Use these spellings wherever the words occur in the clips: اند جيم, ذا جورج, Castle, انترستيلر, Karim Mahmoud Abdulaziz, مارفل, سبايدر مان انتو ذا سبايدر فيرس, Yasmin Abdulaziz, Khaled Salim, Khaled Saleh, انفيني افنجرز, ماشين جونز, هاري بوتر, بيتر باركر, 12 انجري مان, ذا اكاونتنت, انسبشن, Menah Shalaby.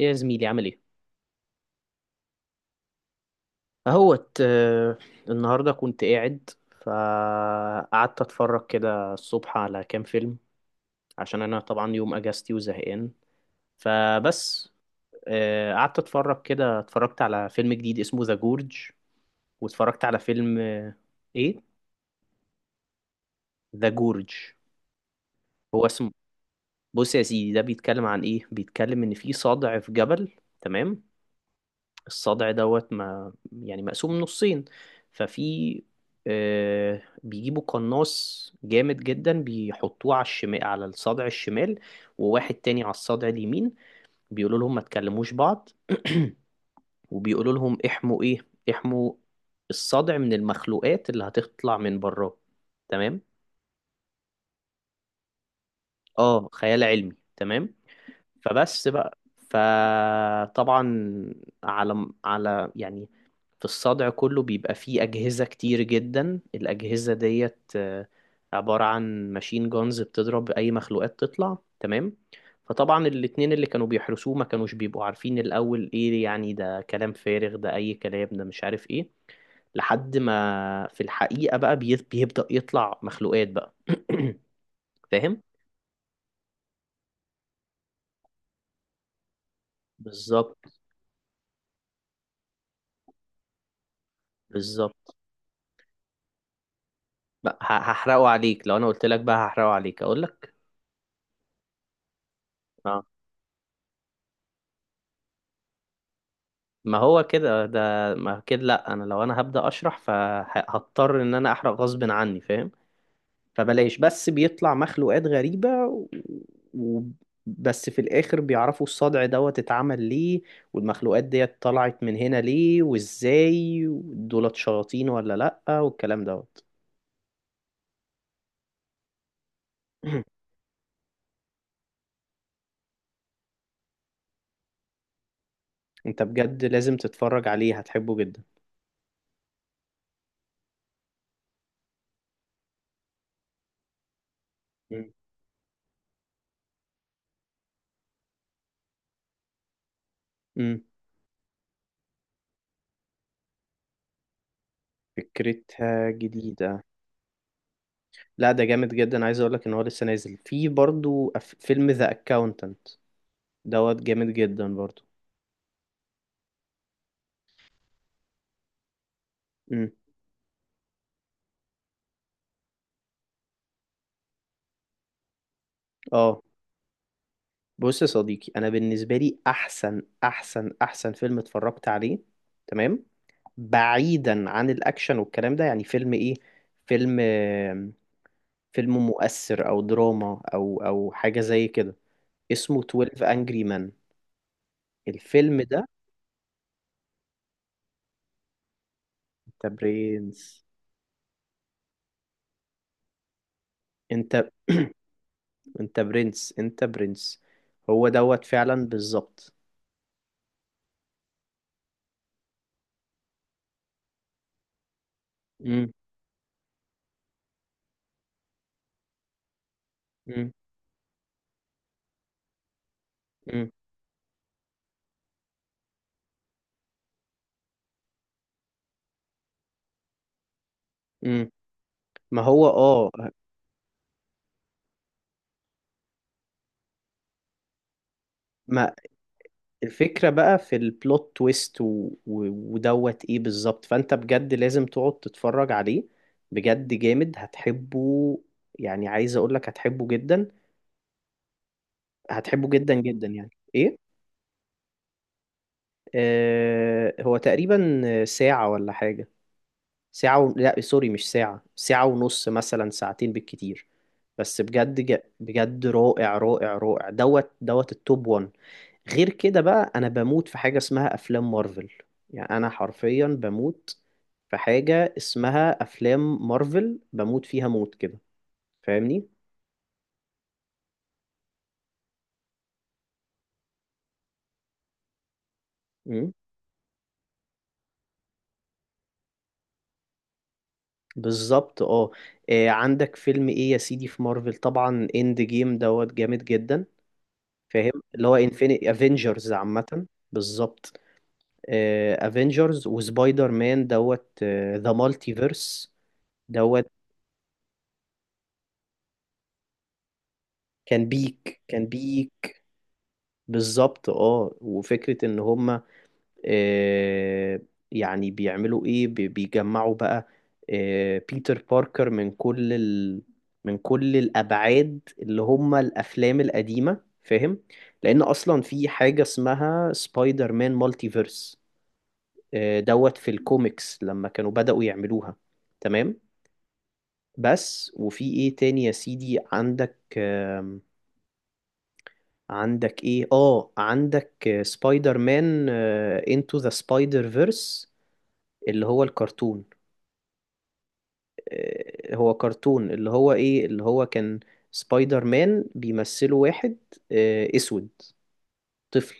ايه يا زميلي، عامل ايه؟ اهوت. النهارده كنت قاعد، فقعدت اتفرج كده الصبح على كام فيلم، عشان انا طبعا يوم اجازتي وزهقان. فبس. قعدت اتفرج كده، اتفرجت على فيلم جديد اسمه ذا جورج، واتفرجت على فيلم ايه؟ ذا جورج هو اسمه. بص يا سيدي، ده بيتكلم عن ايه؟ بيتكلم ان في صدع في جبل، تمام. الصدع دوت ما يعني مقسوم نصين. ففي بيجيبوا قناص جامد جدا بيحطوه على الشمال على الصدع الشمال، وواحد تاني على الصدع اليمين. بيقولوا لهم ما تكلموش بعض، وبيقولوا لهم احموا ايه؟ احموا الصدع من المخلوقات اللي هتطلع من براه، تمام. اه، خيال علمي، تمام. فبس بقى. فطبعا، على على يعني في الصدع كله بيبقى فيه أجهزة كتير جدا. الأجهزة ديت عبارة عن ماشين جونز، بتضرب أي مخلوقات تطلع، تمام. فطبعا الاتنين اللي كانوا بيحرسوه ما كانوش بيبقوا عارفين الأول إيه يعني، ده كلام فارغ ده، أي كلام ده، مش عارف إيه، لحد ما في الحقيقة بقى بيبدأ يطلع مخلوقات بقى. فاهم؟ بالظبط. بالظبط بقى هحرقه عليك. لو انا قلت لك بقى هحرقه عليك، اقول لك؟ اه، ما هو كده ده، ما كده لا. انا لو انا هبدأ اشرح فهضطر ان انا احرق غصب عني، فاهم؟ فبلاش، بس بيطلع مخلوقات غريبة. و... بس في الاخر بيعرفوا الصدع دوت اتعمل ليه، والمخلوقات ديت طلعت من هنا ليه وازاي، دولت شياطين ولا لا، والكلام دوت. انت بجد لازم تتفرج عليه، هتحبه جدا. مم. امم. فكرتها جديدة. لا، ده جامد جدا. عايز اقول لك ان هو لسه نازل في برضو فيلم ذا اكاونتنت دوت، جامد جدا برضو. امم. اه، بص يا صديقي، انا بالنسبه لي احسن احسن احسن فيلم اتفرجت عليه، تمام، بعيدا عن الاكشن والكلام ده، يعني فيلم ايه؟ فيلم، فيلم مؤثر او دراما او او حاجه زي كده، اسمه 12 انجري مان، الفيلم ده. انت برنس، انت انت برنس، انت برنس. هو دوت فعلا، بالظبط. مم. مم. مم. ما هو اه. ما الفكرة بقى في البلوت تويست، و... و... ودوت ايه بالظبط. فانت بجد لازم تقعد تتفرج عليه، بجد جامد، هتحبه. يعني عايز اقولك هتحبه جدا، هتحبه جدا جدا، يعني ايه. آه، هو تقريبا ساعة ولا حاجة، ساعة، و... لا سوري، مش ساعة، ساعة ونص، مثلا ساعتين بالكتير. بس بجد، ج... بجد رائع رائع رائع، دوت دوت التوب 1. غير كده بقى، انا بموت في حاجه اسمها افلام مارفل، يعني انا حرفيا بموت في حاجه اسمها افلام مارفل، بموت فيها موت كده، فاهمني. امم. بالظبط اه. عندك فيلم ايه يا سيدي في مارفل؟ طبعا اند جيم دوت جامد جدا، فاهم اللي هو انفيني افنجرز عامه. بالظبط، افنجرز وسبايدر مان دوت ذا مالتيفيرس دوت، كان بيك كان بيك. بالظبط اه، وفكرة ان هم آه، يعني بيعملوا ايه، بيجمعوا بقى بيتر باركر من كل ال... من كل الابعاد اللي هم الافلام القديمه، فاهم؟ لان اصلا في حاجه اسمها سبايدر مان مالتيفيرس دوت، في الكوميكس لما كانوا بدأوا يعملوها، تمام. بس وفي ايه تاني يا سيدي؟ عندك عندك ايه؟ اه عندك سبايدر مان انتو ذا سبايدر فيرس، اللي هو الكرتون. هو كرتون، اللي هو ايه، اللي هو كان سبايدر مان بيمثله واحد اسود، طفل.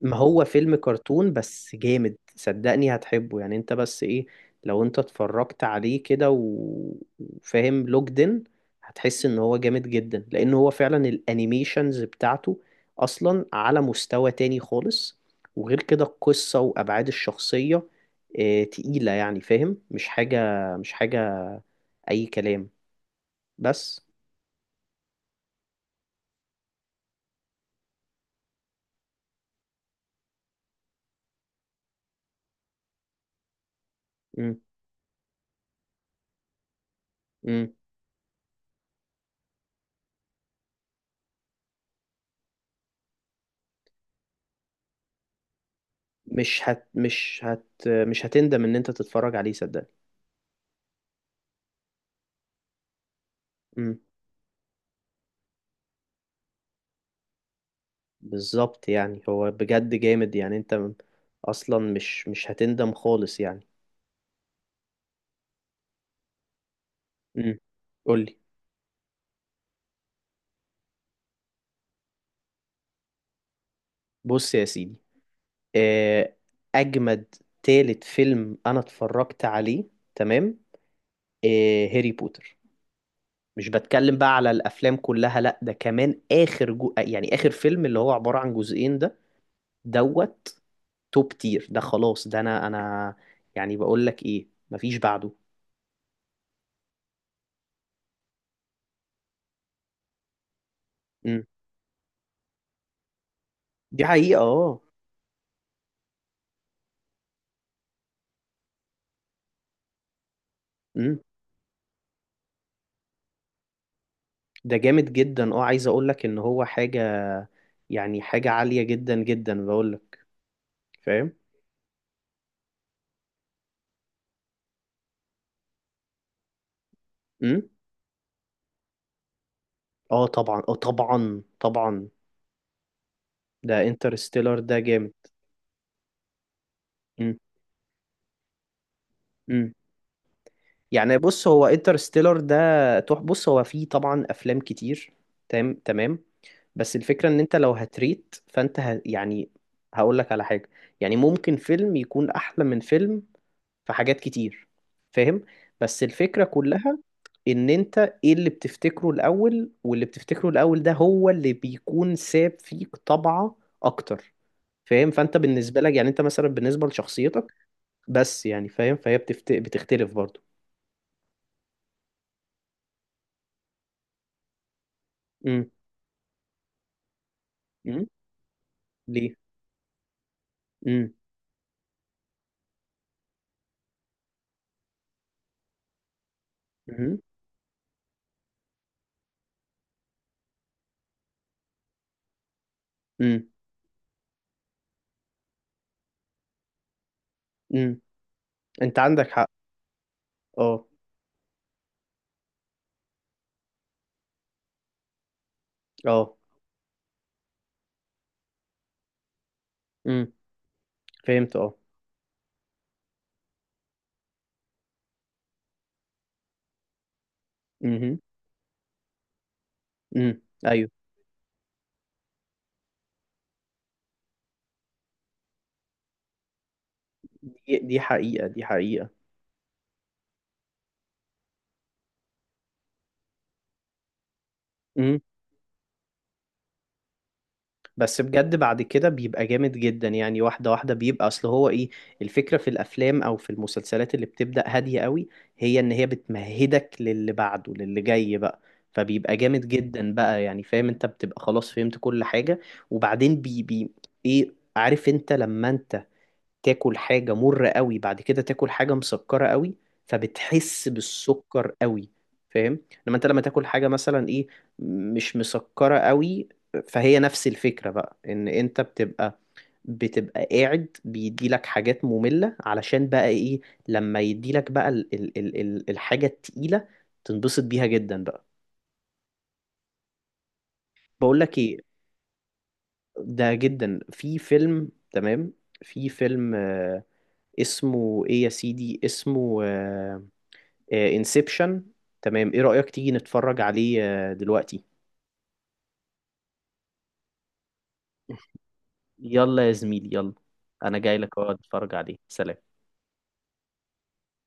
ما هو فيلم كرتون، بس جامد، صدقني هتحبه. يعني انت بس ايه، لو انت اتفرجت عليه كده وفاهم لوجدن، هتحس ان هو جامد جدا، لان هو فعلا الانيميشنز بتاعته اصلا على مستوى تاني خالص. وغير كده القصة وابعاد الشخصية تقيلة، يعني فاهم؟ مش حاجة، مش حاجة اي كلام، بس. مم. مم. مش مش هتندم ان انت تتفرج عليه، صدقني. مم. بالظبط، يعني هو بجد جامد. يعني انت، م- اصلا مش هتندم خالص يعني. مم. قولي. بص يا سيدي، آه، اجمد تالت فيلم انا اتفرجت عليه، تمام، هاري بوتر. مش بتكلم بقى على الافلام كلها، لا ده كمان اخر، جو... يعني اخر فيلم، اللي هو عبارة عن جزئين ده، دوت توب تير، ده خلاص. ده انا انا، يعني بقول لك ايه، مفيش بعده. امم. دي حقيقة اه. امم. ده جامد جدا اه، عايز اقول لك ان هو حاجة، يعني حاجة عالية جدا جدا، بقول لك فاهم. امم. اه طبعا، اه طبعا طبعا. ده انترستيلر ده جامد. امم. امم. يعني بص هو انترستيلر ده، تح بص هو فيه طبعا افلام كتير، تمام تمام. بس الفكرة ان انت لو هتريت، فانت ه... يعني هقول لك على حاجة، يعني ممكن فيلم يكون احلى من فيلم في حاجات كتير، فاهم. بس الفكرة كلها ان انت ايه اللي بتفتكره الاول؟ واللي بتفتكره الاول ده هو اللي بيكون ساب فيك طبعة اكتر، فاهم. فانت بالنسبة لك، يعني انت مثلا بالنسبة لشخصيتك. بس يعني فاهم، فهي بتفت... بتختلف برضو. امم. امم. ليه؟ امم. امم. امم. انت عندك حق. اه. اه. امم. فهمت اه. امم. امم. ايوه. دي حقيقة، دي حقيقة. امم. بس بجد بعد كده بيبقى جامد جدا، يعني واحدة واحدة بيبقى. اصل هو ايه الفكرة في الافلام او في المسلسلات اللي بتبدأ هادية قوي؟ هي ان هي بتمهدك للي بعده، للي جاي بقى. فبيبقى جامد جدا بقى، يعني فاهم، انت بتبقى خلاص فهمت كل حاجة. وبعدين بي بي ايه، عارف انت لما انت تاكل حاجة مرة قوي، بعد كده تاكل حاجة مسكرة قوي، فبتحس بالسكر قوي، فاهم. لما انت لما تاكل حاجة مثلا ايه، مش مسكرة قوي، فهي نفس الفكرة بقى ان انت بتبقى قاعد بيديلك حاجات مملة علشان بقى ايه، لما يديلك بقى ال ال ال ال الحاجة التقيلة تنبسط بيها جدا بقى. بقولك ايه، ده جدا في فيلم، تمام، في فيلم اسمه ايه يا سيدي؟ اسمه انسبشن، تمام. ايه رأيك تيجي نتفرج عليه دلوقتي؟ يلا يا زميلي يلا، انا جاي لك اهو، اتفرج عليه، سلام.